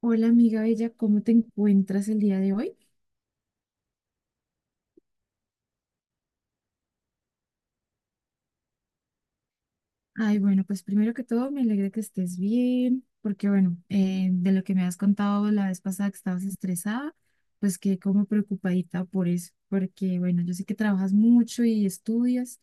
Hola amiga bella, ¿cómo te encuentras el día de hoy? Ay, bueno, pues primero que todo me alegra que estés bien, porque bueno, de lo que me has contado la vez pasada que estabas estresada, pues quedé como preocupadita por eso, porque bueno, yo sé que trabajas mucho y estudias,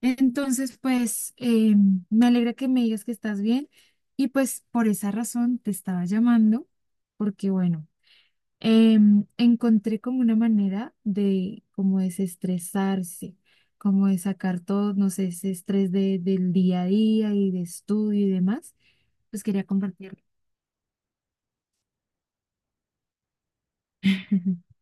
entonces pues me alegra que me digas que estás bien y pues por esa razón te estaba llamando, porque bueno. Encontré como una manera de como desestresarse, como de sacar todo, no sé, ese estrés del día a día y de estudio y demás, pues quería compartirlo.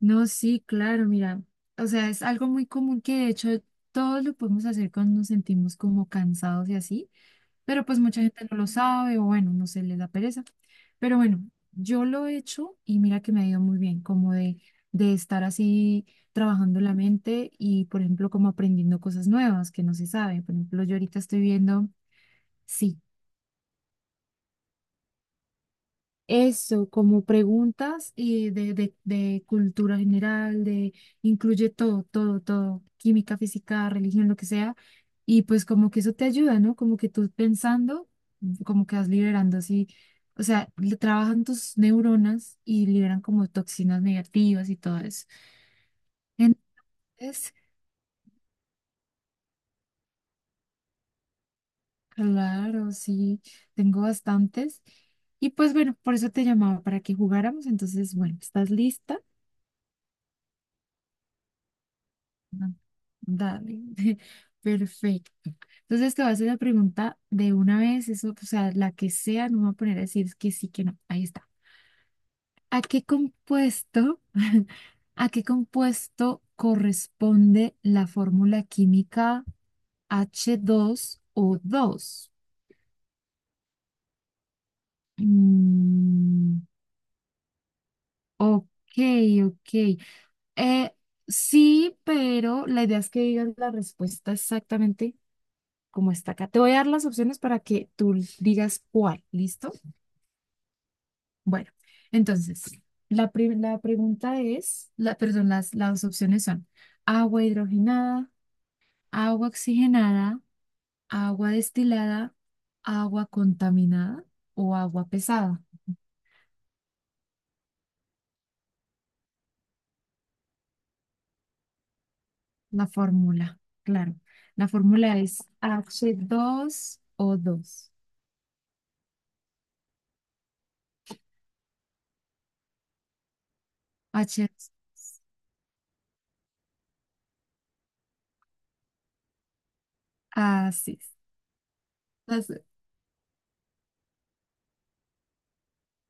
No, sí, claro, mira, o sea, es algo muy común que de hecho todos lo podemos hacer cuando nos sentimos como cansados y así. Pero pues mucha gente no lo sabe o bueno, no sé, les da pereza. Pero bueno, yo lo he hecho y mira que me ha ido muy bien, como de estar así trabajando la mente y, por ejemplo, como aprendiendo cosas nuevas que no se sabe. Por ejemplo, yo ahorita estoy viendo, sí, eso, como preguntas y de cultura general, de incluye todo, todo, todo, química, física, religión, lo que sea, y pues como que eso te ayuda, ¿no? Como que tú pensando, como que vas liberando así, o sea, le trabajan tus neuronas y liberan como toxinas negativas y todo eso. Entonces, claro, sí, tengo bastantes. Y pues bueno, por eso te llamaba, para que jugáramos, entonces, bueno, ¿estás lista? Ah, dale, perfecto. Entonces te voy a hacer la pregunta de una vez, eso, o sea, la que sea, no me voy a poner a decir que sí, que no. Ahí está. ¿A qué compuesto, a qué compuesto corresponde la fórmula química h dos o dos. Mm, ok, ok. Eh, sí, pero la idea es que digas la respuesta exactamente como está acá. Te voy a dar las opciones para que tú digas cuál, ¿listo? Bueno, entonces, la pregunta es, la, perdón, las opciones son agua hidrogenada, agua oxigenada, agua destilada, agua contaminada o agua pesada. La fórmula, claro. La fórmula es h dos o dos. H 2. Así es.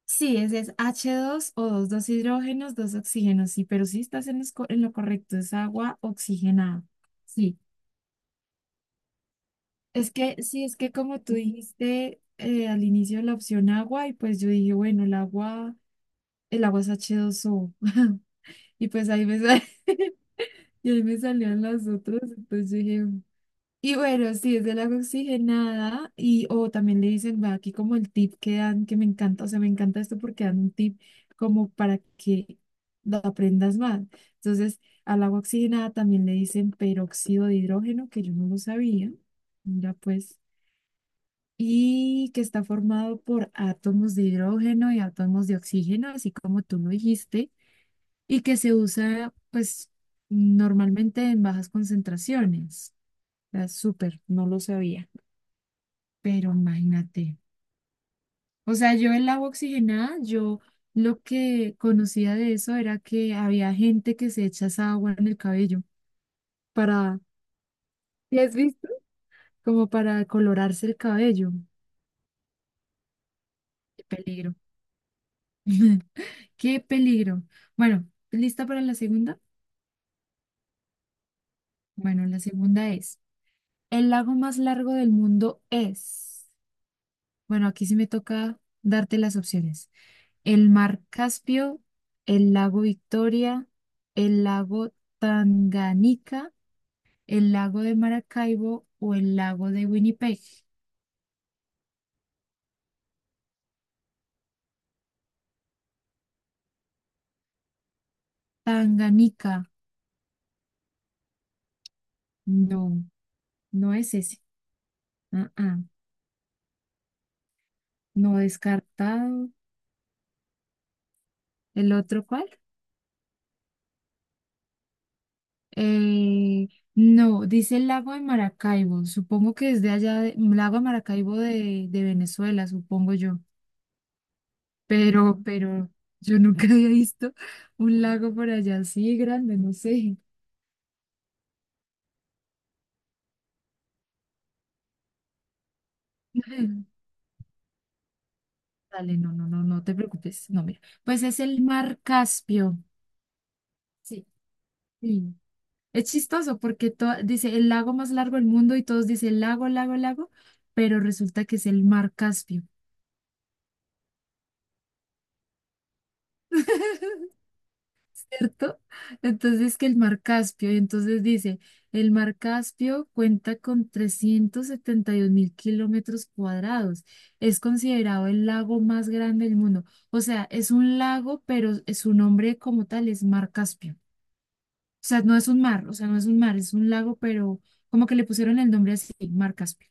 Sí, ese es H2 o dos, dos hidrógenos, dos oxígenos, sí, pero sí estás en lo correcto, es agua oxigenada. Sí, sí, es que como tú dijiste al inicio la opción agua, y pues yo dije, bueno, el agua es H2O, y pues ahí y ahí me salían las otras, entonces yo dije, y bueno, sí, es del agua oxigenada y o también le dicen, va aquí como el tip que dan, que me encanta, o sea, me encanta esto porque dan un tip como para que lo aprendas más. Entonces, al agua oxigenada también le dicen peróxido de hidrógeno, que yo no lo sabía, mira pues, y que está formado por átomos de hidrógeno y átomos de oxígeno, así como tú lo dijiste, y que se usa pues normalmente en bajas concentraciones. O sea, súper, no lo sabía. Pero imagínate, o sea, yo el agua oxigenada, yo lo que conocía de eso era que había gente que se echa esa agua en el cabello para, ¿Sí has visto? Como para colorarse el cabello. Qué peligro. Qué peligro. Bueno, ¿lista para la segunda? Bueno, la segunda es, el lago más largo del mundo es. Bueno, aquí sí me toca darte las opciones. El mar Caspio, el lago Victoria, el lago Tanganica, el lago de Maracaibo o el lago de Winnipeg. Tanganica, no, no es ese. Ah, ah, no descartado. ¿El otro cuál? Eh, no, dice el lago de Maracaibo. Supongo que es de allá, lago de Maracaibo de Venezuela, supongo yo. Pero, yo nunca había visto un lago por allá así grande, no sé. Dale, no, no, no, no te preocupes. No, mira. Pues es el mar Caspio. Sí. Sí. Es chistoso porque dice el lago más largo del mundo y todos dicen lago, lago, lago, pero resulta que es el mar Caspio. ¿Cierto? Entonces que el mar Caspio, y entonces dice, el mar Caspio cuenta con 372.000 kilómetros cuadrados, es considerado el lago más grande del mundo, o sea, es un lago, pero su nombre como tal es mar Caspio, o sea, no es un mar, o sea, no es un mar, es un lago, pero como que le pusieron el nombre así, Mar Caspio.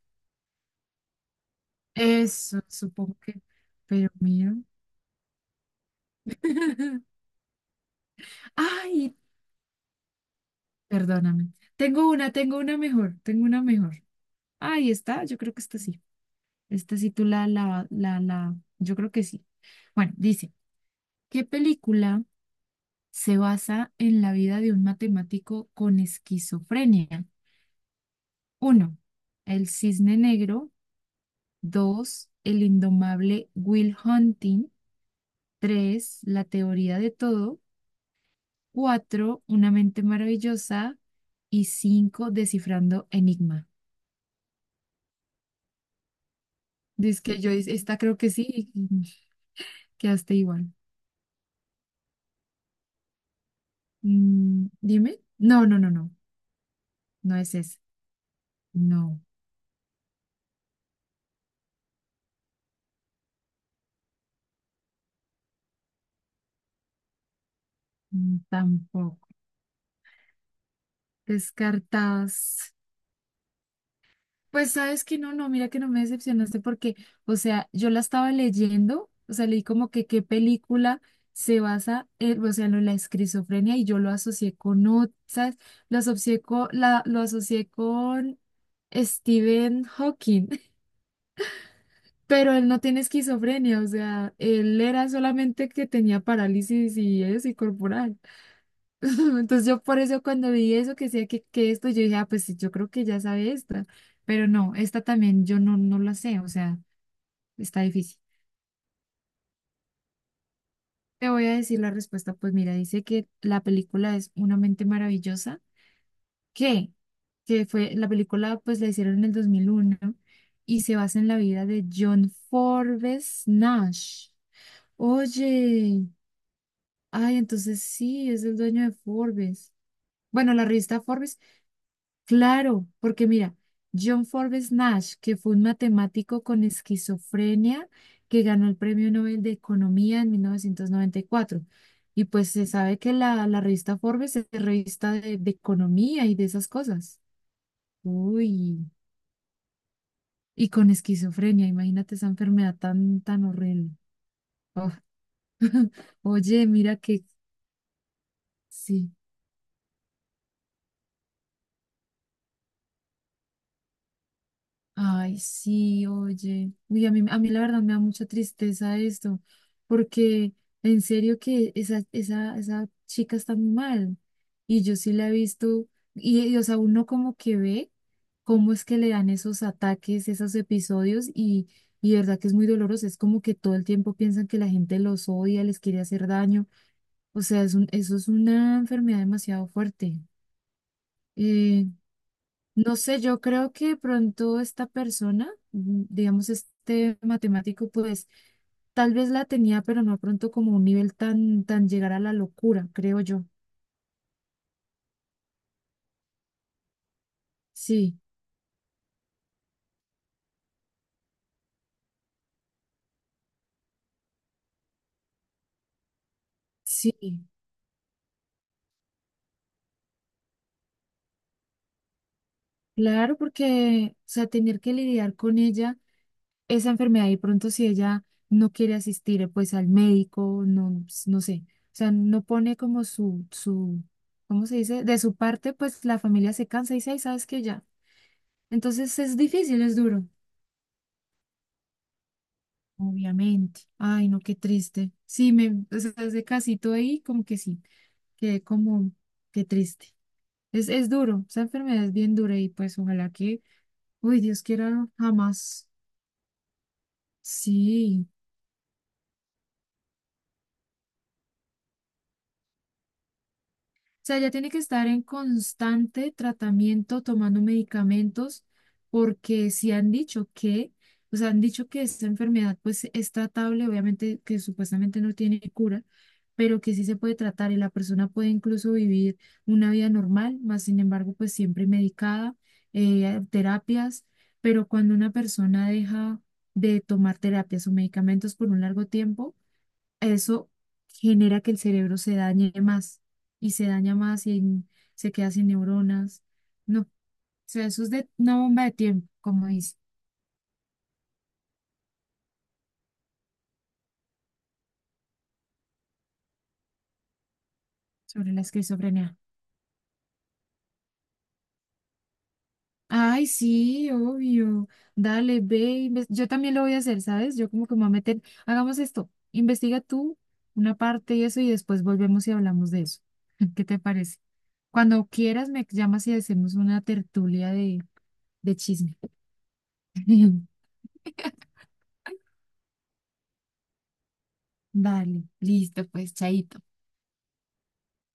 Eso, supongo que, pero mira. Ay, perdóname. Tengo una mejor, tengo una mejor. Ahí está, yo creo que esta sí. Esta sí tú la, yo creo que sí. Bueno, dice, ¿qué película se basa en la vida de un matemático con esquizofrenia? Uno, El Cisne Negro. Dos, el indomable Will Hunting. Tres, la teoría de todo. Cuatro, una mente maravillosa. Y cinco, descifrando enigma. Dice que yo, esta creo que sí, y quedaste igual. Mm, dime. No, no, no, no. No es ese. No, tampoco. Descartas. Pues sabes que no, no, mira que no me decepcionaste porque, o sea, yo la estaba leyendo, o sea, leí como que qué película se basa en, o sea, en lo de la esquizofrenia y yo lo asocié con otras, lo asocié con Stephen Hawking, pero él no tiene esquizofrenia, o sea, él era solamente que tenía parálisis y eso, y corporal. Entonces yo por eso cuando vi eso, que sé que esto, yo dije, ah, pues sí, yo creo que ya sabe esta, pero no, esta también yo no la sé, o sea, está difícil. Te voy a decir la respuesta, pues mira, dice que la película es Una mente maravillosa, que, que fue, la película pues la hicieron en el 2001 y se basa en la vida de John Forbes Nash. Oye, ay, entonces sí, es el dueño de Forbes. Bueno, la revista Forbes. Claro, porque mira, John Forbes Nash, que fue un matemático con esquizofrenia que ganó el Premio Nobel de Economía en 1994. Y cuatro. Y pues se sabe que la revista Forbes es revista de economía y de esas cosas. Uy, y con esquizofrenia, imagínate esa enfermedad tan, tan horrible. Oh. Oye, mira que sí. Ay, sí, oye. Uy, a mí la verdad me da mucha tristeza esto, porque en serio que esa chica está muy mal. Y yo sí la he visto, y, o sea, uno como que ve cómo es que le dan esos ataques, esos episodios, y de verdad que es muy doloroso. Es como que todo el tiempo piensan que la gente los odia, les quiere hacer daño. O sea, eso es una enfermedad demasiado fuerte. Eh, no sé, yo creo que de pronto esta persona, digamos este matemático, pues tal vez la tenía, pero no pronto como un nivel tan llegar a la locura, creo yo. Sí, sí, claro, porque, o sea, tener que lidiar con ella, esa enfermedad, y pronto si ella no quiere asistir, pues al médico, no, no sé, o sea, no pone como ¿cómo se dice? De su parte, pues la familia se cansa y dice, ay, ¿sabes que ya? Entonces es difícil, es duro. Obviamente. Ay, no, qué triste. Sí, o sea, ese casito ahí, como que sí, quedé como, qué triste. Es duro, esa enfermedad es bien dura y pues ojalá que, uy, Dios quiera jamás. Sí, sea, ella tiene que estar en constante tratamiento, tomando medicamentos, porque sí han dicho que, o sea, han dicho que esta enfermedad pues es tratable, obviamente que supuestamente no tiene cura, pero que sí se puede tratar y la persona puede incluso vivir una vida normal, más sin embargo pues siempre medicada, terapias, pero cuando una persona deja de tomar terapias o medicamentos por un largo tiempo, eso genera que el cerebro se dañe más y se daña más y se queda sin neuronas. No, o sea, eso es de una bomba de tiempo, como dice, sobre la esquizofrenia. Ay, sí, obvio. Dale, ve, yo también lo voy a hacer, ¿sabes? Yo como que me voy a meter, hagamos esto, investiga tú una parte y eso y después volvemos y hablamos de eso. ¿Qué te parece? Cuando quieras me llamas y hacemos una tertulia de chisme. Dale, listo, pues, chaito.